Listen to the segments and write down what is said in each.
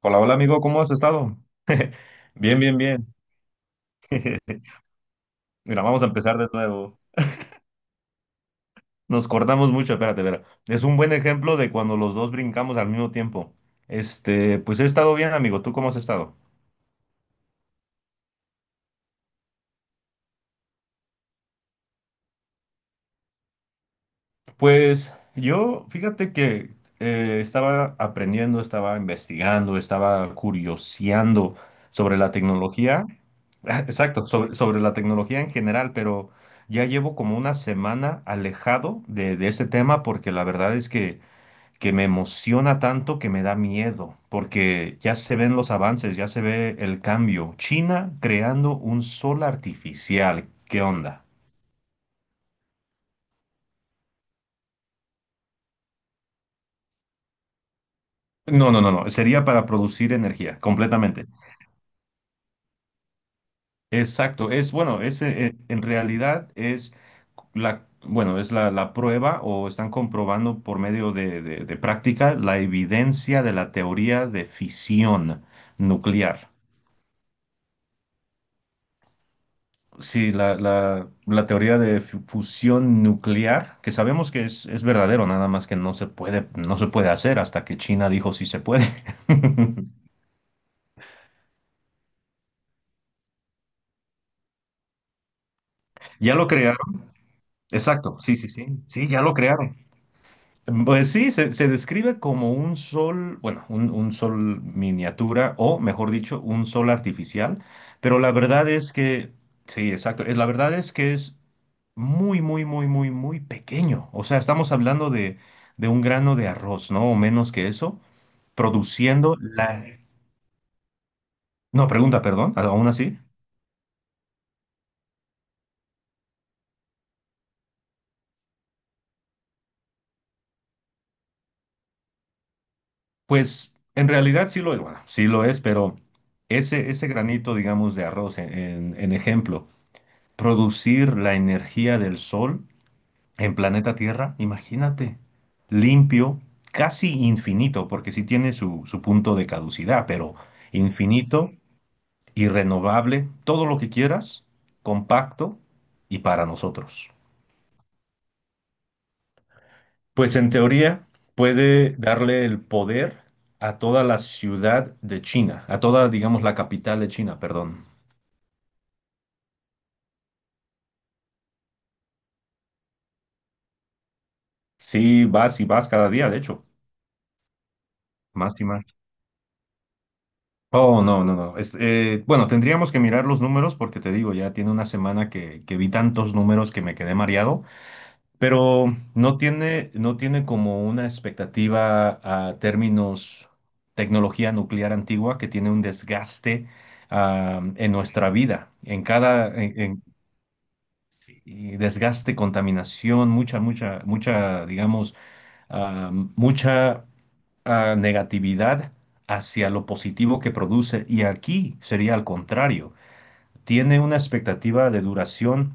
Hola, hola amigo, ¿cómo has estado? Bien, bien, bien. Mira, vamos a empezar de nuevo. Nos cortamos mucho, espérate, espera. Es un buen ejemplo de cuando los dos brincamos al mismo tiempo. Este, pues he estado bien, amigo. ¿Tú cómo has estado? Pues yo, fíjate que estaba aprendiendo, estaba investigando, estaba curioseando sobre la tecnología. Exacto, sobre la tecnología en general, pero ya llevo como una semana alejado de este tema porque la verdad es que me emociona tanto que me da miedo, porque ya se ven los avances, ya se ve el cambio. China creando un sol artificial, ¿qué onda? No, no, no, no, sería para producir energía, completamente. Exacto, es bueno, es, en realidad es la, bueno, es la, la prueba o están comprobando por medio de práctica la evidencia de la teoría de fisión nuclear. Sí, la teoría de fusión nuclear, que sabemos que es verdadero, nada más que no se puede, no se puede hacer hasta que China dijo sí se puede. Ya lo crearon. Exacto, sí, sí, sí, sí, ya lo crearon. Pues sí, se describe como un sol, bueno, un sol miniatura, o mejor dicho, un sol artificial, pero la verdad es que, sí, exacto, la verdad es que es muy, muy, muy, muy, muy pequeño. O sea, estamos hablando de un grano de arroz, ¿no? O menos que eso, produciendo la... No, pregunta, perdón, aún así. Pues en realidad sí lo es, bueno, sí lo es, pero ese granito, digamos, de arroz, en ejemplo, producir la energía del sol en planeta Tierra, imagínate, limpio, casi infinito, porque sí tiene su punto de caducidad, pero infinito, y renovable, todo lo que quieras, compacto y para nosotros. Pues en teoría puede darle el poder a toda la ciudad de China, a toda, digamos, la capital de China, perdón. Sí, vas y vas cada día, de hecho, más y más. Oh, no, no, no. Bueno, tendríamos que mirar los números porque te digo, ya tiene una semana que vi tantos números que me quedé mareado. Pero no tiene como una expectativa a términos tecnología nuclear antigua que tiene un desgaste en nuestra vida, en cada y desgaste, contaminación, mucha, mucha, mucha, digamos, ah, mucha negatividad hacia lo positivo que produce. Y aquí sería al contrario, tiene una expectativa de duración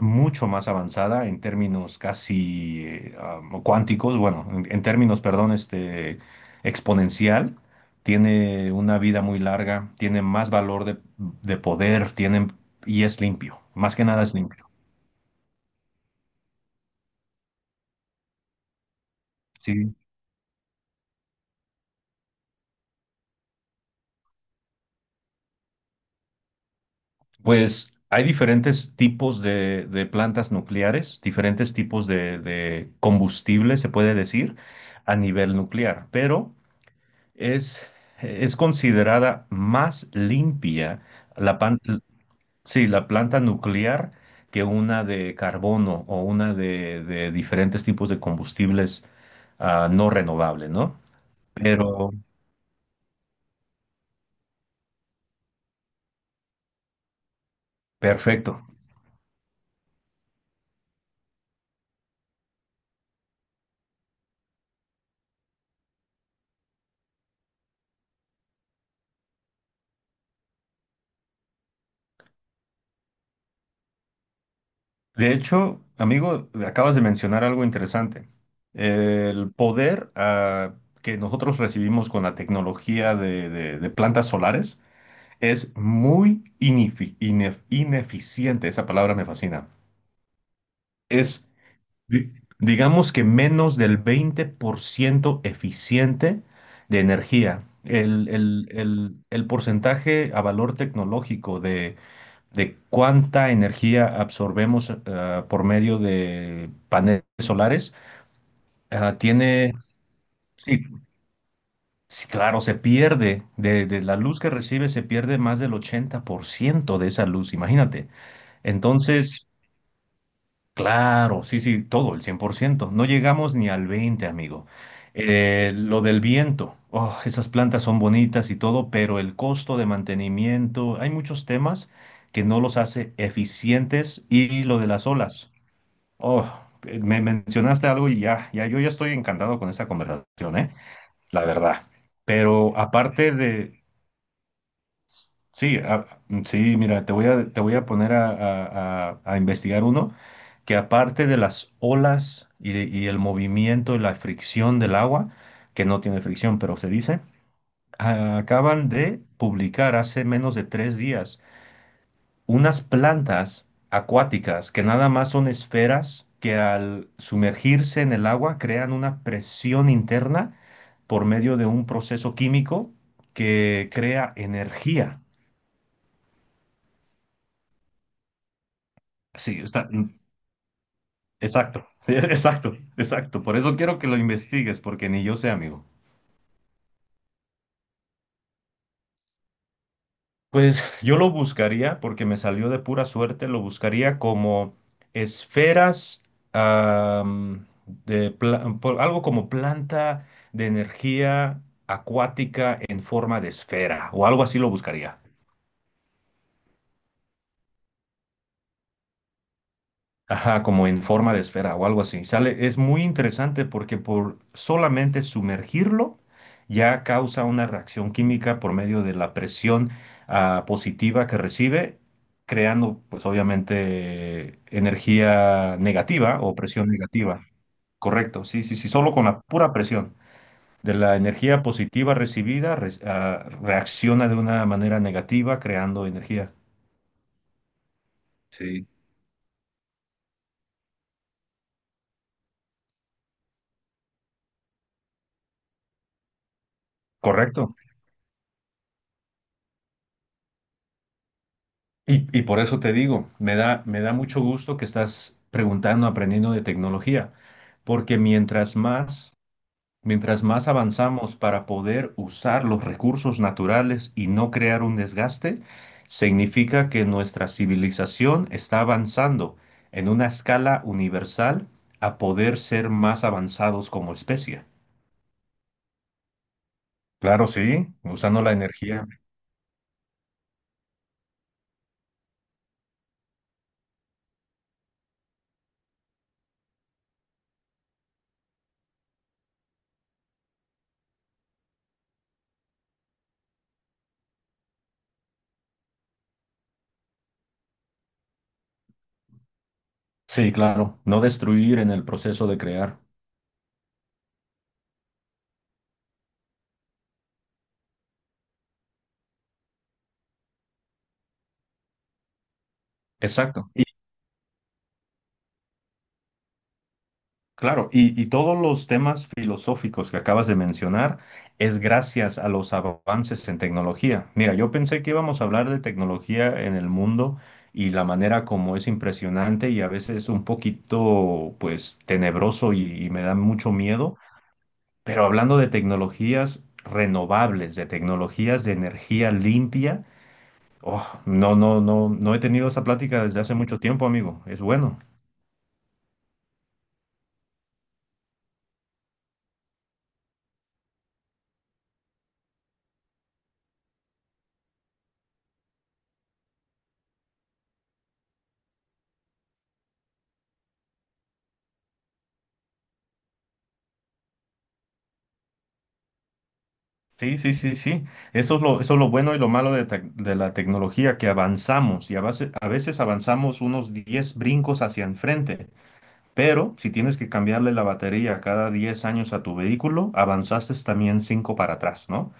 mucho más avanzada en términos casi cuánticos, bueno, en términos, perdón, este, exponencial. Tiene una vida muy larga, tiene más valor de poder, tiene, y es limpio, más que nada es limpio. Sí. Pues hay diferentes tipos de plantas nucleares, diferentes tipos de combustible, se puede decir, a nivel nuclear, pero Es, es considerada más limpia, la, pan- sí, la planta nuclear que una de carbono o una de diferentes tipos de combustibles no renovables, ¿no? Pero, perfecto. De hecho, amigo, acabas de mencionar algo interesante. El poder que nosotros recibimos con la tecnología de plantas solares es muy ineficiente. Esa palabra me fascina. Es, di- digamos que menos del 20% eficiente de energía. El porcentaje a valor tecnológico de cuánta energía absorbemos por medio de paneles solares tiene, sí, sí, claro, se pierde, de la luz que recibe se pierde más del 80% de esa luz, imagínate. Entonces, claro, sí, sí, todo, el 100%. No llegamos ni al 20, amigo. Lo del viento, oh, esas plantas son bonitas y todo, pero el costo de mantenimiento, hay muchos temas que no los hace eficientes y lo de las olas. Oh, me mencionaste algo y ya, ya, yo ya estoy encantado con esta conversación, ¿eh? La verdad. Pero aparte de, sí, sí, mira, te voy a poner a investigar uno que aparte de las olas y, y el movimiento y la fricción del agua, que no tiene fricción, pero se dice, acaban de publicar hace menos de 3 días unas plantas acuáticas que nada más son esferas que al sumergirse en el agua crean una presión interna por medio de un proceso químico que crea energía. Sí, está. Exacto, exacto, exacto. Por eso quiero que lo investigues, porque ni yo sé, amigo. Pues yo lo buscaría, porque me salió de pura suerte, lo buscaría como esferas, am, algo como planta de energía acuática en forma de esfera, o algo así lo buscaría. Ajá, como en forma de esfera o algo así. Sale, es muy interesante porque por solamente sumergirlo ya causa una reacción química por medio de la presión positiva que recibe, creando pues obviamente energía negativa o presión negativa. Correcto, sí, sí, sí, solo con la pura presión de la energía positiva recibida reacciona de una manera negativa creando energía. Sí. Correcto. Y por eso te digo, me da mucho gusto que estás preguntando, aprendiendo de tecnología, porque mientras más avanzamos para poder usar los recursos naturales y no crear un desgaste, significa que nuestra civilización está avanzando en una escala universal a poder ser más avanzados como especie. Claro, sí, usando la energía. Sí, claro, no destruir en el proceso de crear. Exacto. Claro, y todos los temas filosóficos que acabas de mencionar es gracias a los avances en tecnología. Mira, yo pensé que íbamos a hablar de tecnología en el mundo y la manera como es impresionante y a veces un poquito, pues, tenebroso y me da mucho miedo, pero hablando de tecnologías renovables, de tecnologías de energía limpia, oh, no, no, no, no he tenido esa plática desde hace mucho tiempo, amigo. Es bueno. Sí, sí, sí, sí. Eso es lo bueno y lo malo de la tecnología, que avanzamos y a veces avanzamos unos 10 brincos hacia enfrente, pero si tienes que cambiarle la batería cada 10 años a tu vehículo, avanzaste también 5 para atrás, ¿no?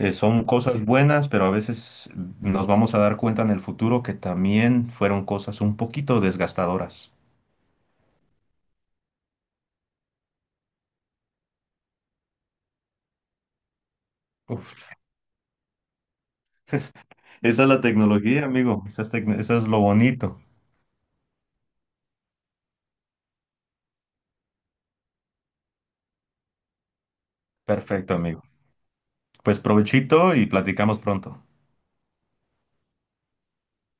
Son cosas buenas, pero a veces nos vamos a dar cuenta en el futuro que también fueron cosas un poquito desgastadoras. Uf, esa es la tecnología, amigo. Esa es, esa es lo bonito. Perfecto, amigo. Pues provechito y platicamos pronto.